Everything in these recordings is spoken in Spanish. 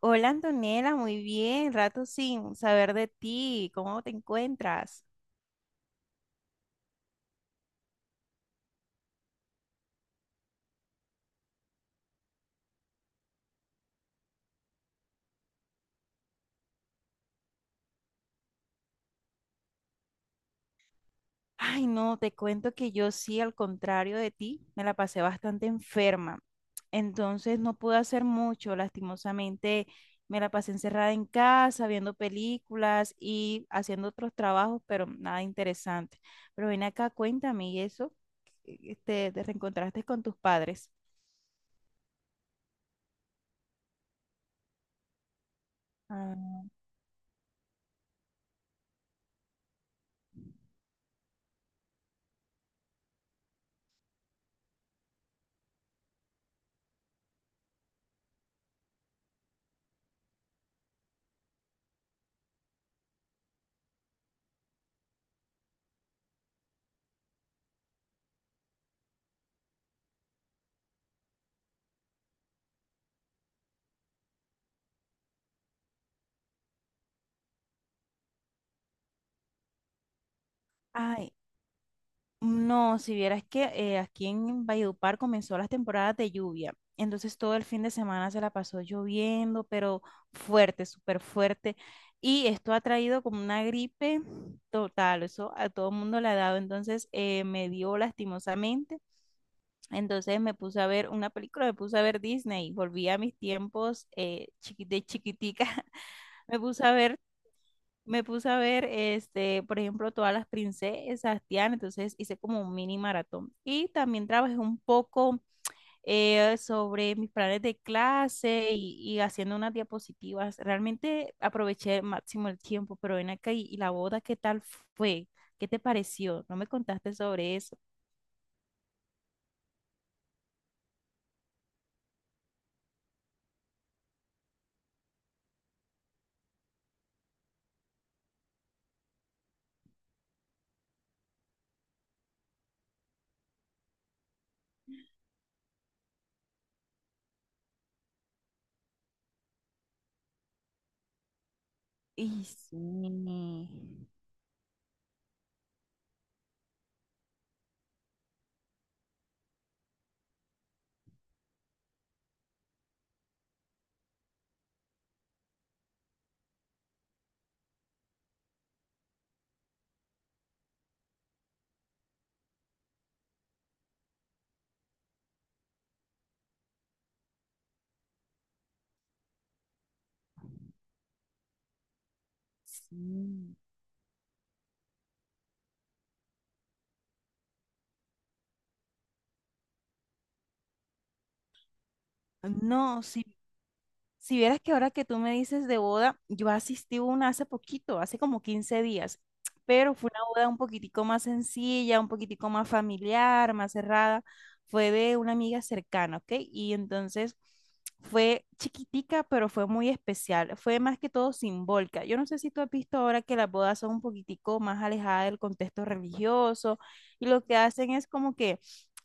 Hola Antonella, muy bien, rato sin saber de ti, ¿cómo te encuentras? Ay, no, te cuento que yo sí, al contrario de ti, me la pasé bastante enferma. Entonces no pude hacer mucho, lastimosamente me la pasé encerrada en casa, viendo películas y haciendo otros trabajos, pero nada interesante. Pero ven acá, cuéntame, ¿y eso? ¿Te reencontraste con tus padres? Ah. Ay, no, si vieras que aquí en Valledupar comenzó las temporadas de lluvia, entonces todo el fin de semana se la pasó lloviendo, pero fuerte, súper fuerte, y esto ha traído como una gripe total, eso a todo el mundo le ha dado, entonces me dio lastimosamente. Entonces me puse a ver una película, me puse a ver Disney, volví a mis tiempos de chiquitica. Me puse a ver, me puse a ver, por ejemplo, todas las princesas, Tiana, entonces hice como un mini maratón. Y también trabajé un poco sobre mis planes de clase y haciendo unas diapositivas. Realmente aproveché el máximo el tiempo, pero ven acá y la boda, ¿qué tal fue? ¿Qué te pareció? No me contaste sobre eso. Y sí, sí. No, sí, si vieras que ahora que tú me dices de boda, yo asistí a una hace poquito, hace como 15 días, pero fue una boda un poquitico más sencilla, un poquitico más familiar, más cerrada. Fue de una amiga cercana, ¿ok? Y entonces fue chiquitica, pero fue muy especial. Fue más que todo simbólica. Yo no sé si tú has visto ahora que las bodas son un poquitico más alejadas del contexto religioso, y lo que hacen es como que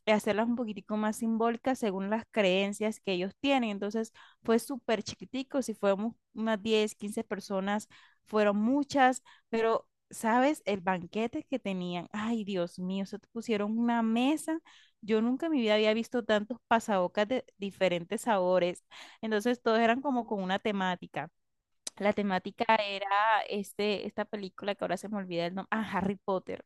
hacerlas un poquitico más simbólicas según las creencias que ellos tienen. Entonces, fue súper chiquitico, si fuéramos unas 10 15 personas, fueron muchas, pero, ¿sabes? El banquete que tenían, ay, Dios mío, se te pusieron una mesa. Yo nunca en mi vida había visto tantos pasabocas de diferentes sabores. Entonces, todos eran como con una temática. La temática era esta película que ahora se me olvida el nombre, ah, Harry Potter.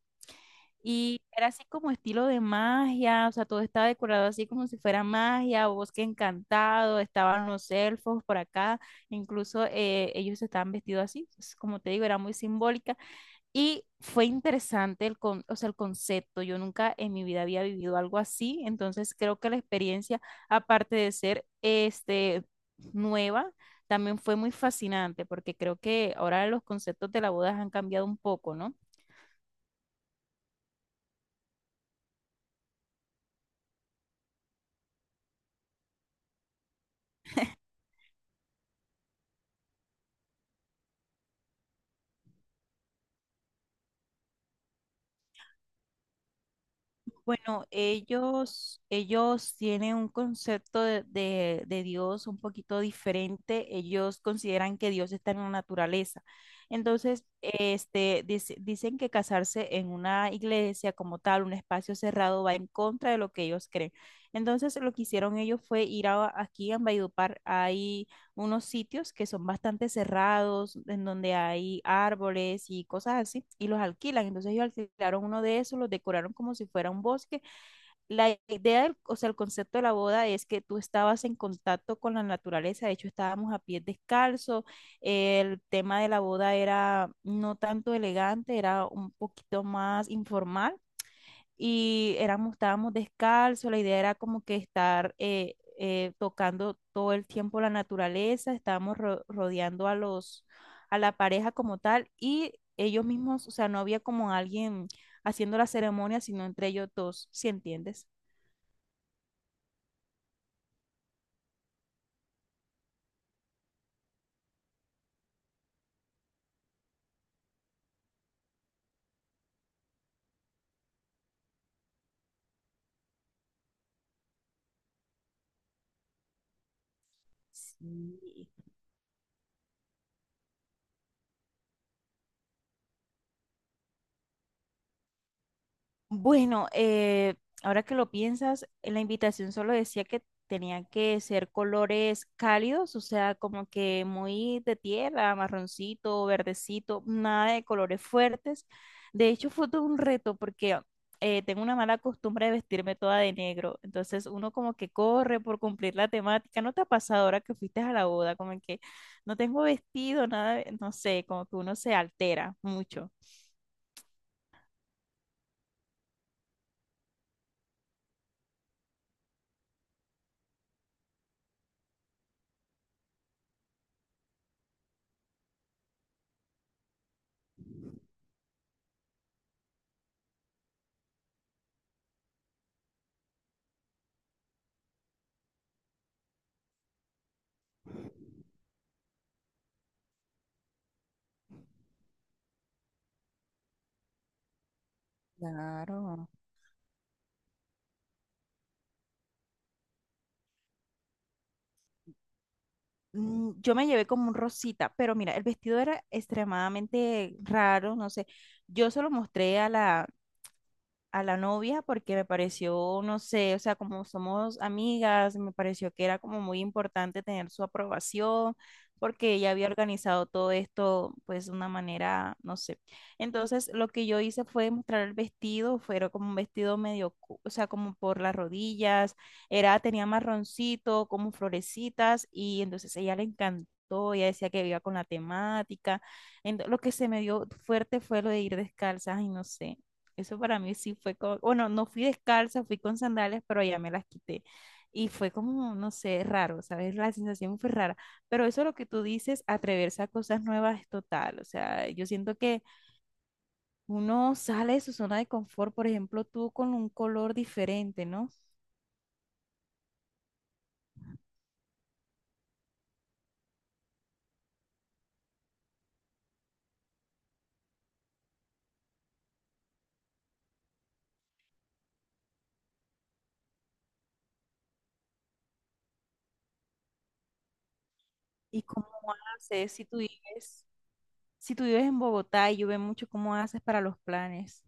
Y era así como estilo de magia, o sea, todo estaba decorado así como si fuera magia, o bosque encantado, estaban los elfos por acá, incluso ellos estaban vestidos así, pues, como te digo, era muy simbólica. Y fue interesante el, con, o sea, el concepto, yo nunca en mi vida había vivido algo así, entonces creo que la experiencia, aparte de ser nueva, también fue muy fascinante, porque creo que ahora los conceptos de la boda han cambiado un poco, ¿no? Bueno, ellos tienen un concepto de Dios un poquito diferente. Ellos consideran que Dios está en la naturaleza. Entonces, dicen que casarse en una iglesia como tal, un espacio cerrado, va en contra de lo que ellos creen. Entonces, lo que hicieron ellos fue ir a, aquí en Valledupar, unos sitios que son bastante cerrados, en donde hay árboles y cosas así, y los alquilan. Entonces ellos alquilaron uno de esos, los decoraron como si fuera un bosque. La idea, o sea, el concepto de la boda es que tú estabas en contacto con la naturaleza, de hecho estábamos a pie descalzo, el tema de la boda era no tanto elegante, era un poquito más informal, y éramos, estábamos descalzos, la idea era como que estar tocando todo el tiempo la naturaleza, estábamos rodeando a los, a la pareja como tal, y ellos mismos, o sea, no había como alguien haciendo la ceremonia, sino entre ellos dos, ¿si entiendes? Sí. Bueno, ahora que lo piensas, en la invitación solo decía que tenían que ser colores cálidos, o sea, como que muy de tierra, marroncito, verdecito, nada de colores fuertes. De hecho, fue todo un reto porque tengo una mala costumbre de vestirme toda de negro, entonces uno como que corre por cumplir la temática. ¿No te ha pasado ahora que fuiste a la boda? Como que no tengo vestido, nada, de- no sé, como que uno se altera mucho. Claro. Yo me llevé como un rosita, pero mira, el vestido era extremadamente raro, no sé. Yo se lo mostré a la novia porque me pareció, no sé, o sea, como somos amigas, me pareció que era como muy importante tener su aprobación, porque ella había organizado todo esto pues de una manera, no sé. Entonces, lo que yo hice fue mostrar el vestido, fue era como un vestido medio, o sea, como por las rodillas, era, tenía marroncito, como florecitas, y entonces a ella le encantó. Ella decía que iba con la temática. Lo que se me dio fuerte fue lo de ir descalzas, y no sé. Eso para mí sí fue como, bueno, no fui descalza, fui con sandalias, pero ya me las quité. Y fue como, no sé, raro, ¿sabes? La sensación fue rara. Pero eso es lo que tú dices, atreverse a cosas nuevas es total. O sea, yo siento que uno sale de su zona de confort, por ejemplo, tú con un color diferente, ¿no? Y cómo haces si tú vives, en Bogotá, y yo veo mucho cómo haces para los planes.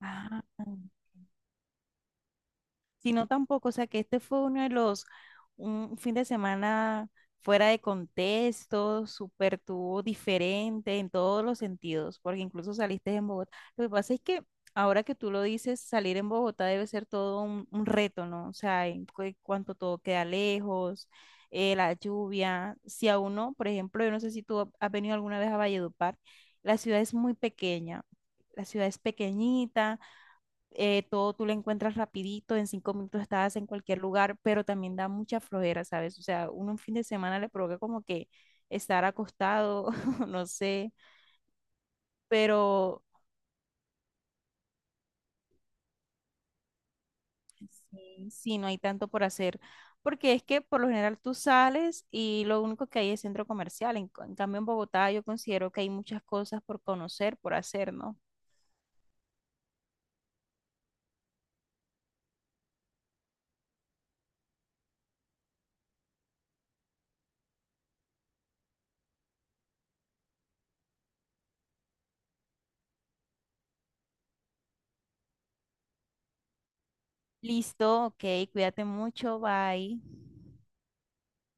Ah. Sino tampoco, o sea, que este fue uno de los, un fin de semana fuera de contexto, súper tuvo diferente en todos los sentidos, porque incluso saliste en Bogotá. Lo que pasa es que ahora que tú lo dices, salir en Bogotá debe ser todo un reto, ¿no? O sea, en cuanto todo queda lejos, la lluvia, si a uno, por ejemplo, yo no sé si tú has venido alguna vez a Valledupar, la ciudad es muy pequeña. La ciudad es pequeñita, todo tú lo encuentras rapidito, en 5 minutos estás en cualquier lugar, pero también da mucha flojera, ¿sabes? O sea, uno un fin de semana le provoca como que estar acostado. No sé, pero sí, sí, no hay tanto por hacer, porque es que por lo general tú sales y lo único que hay es centro comercial, en, en cambio en Bogotá yo considero que hay muchas cosas por conocer, por hacer, ¿no? Listo, ok, cuídate mucho, bye.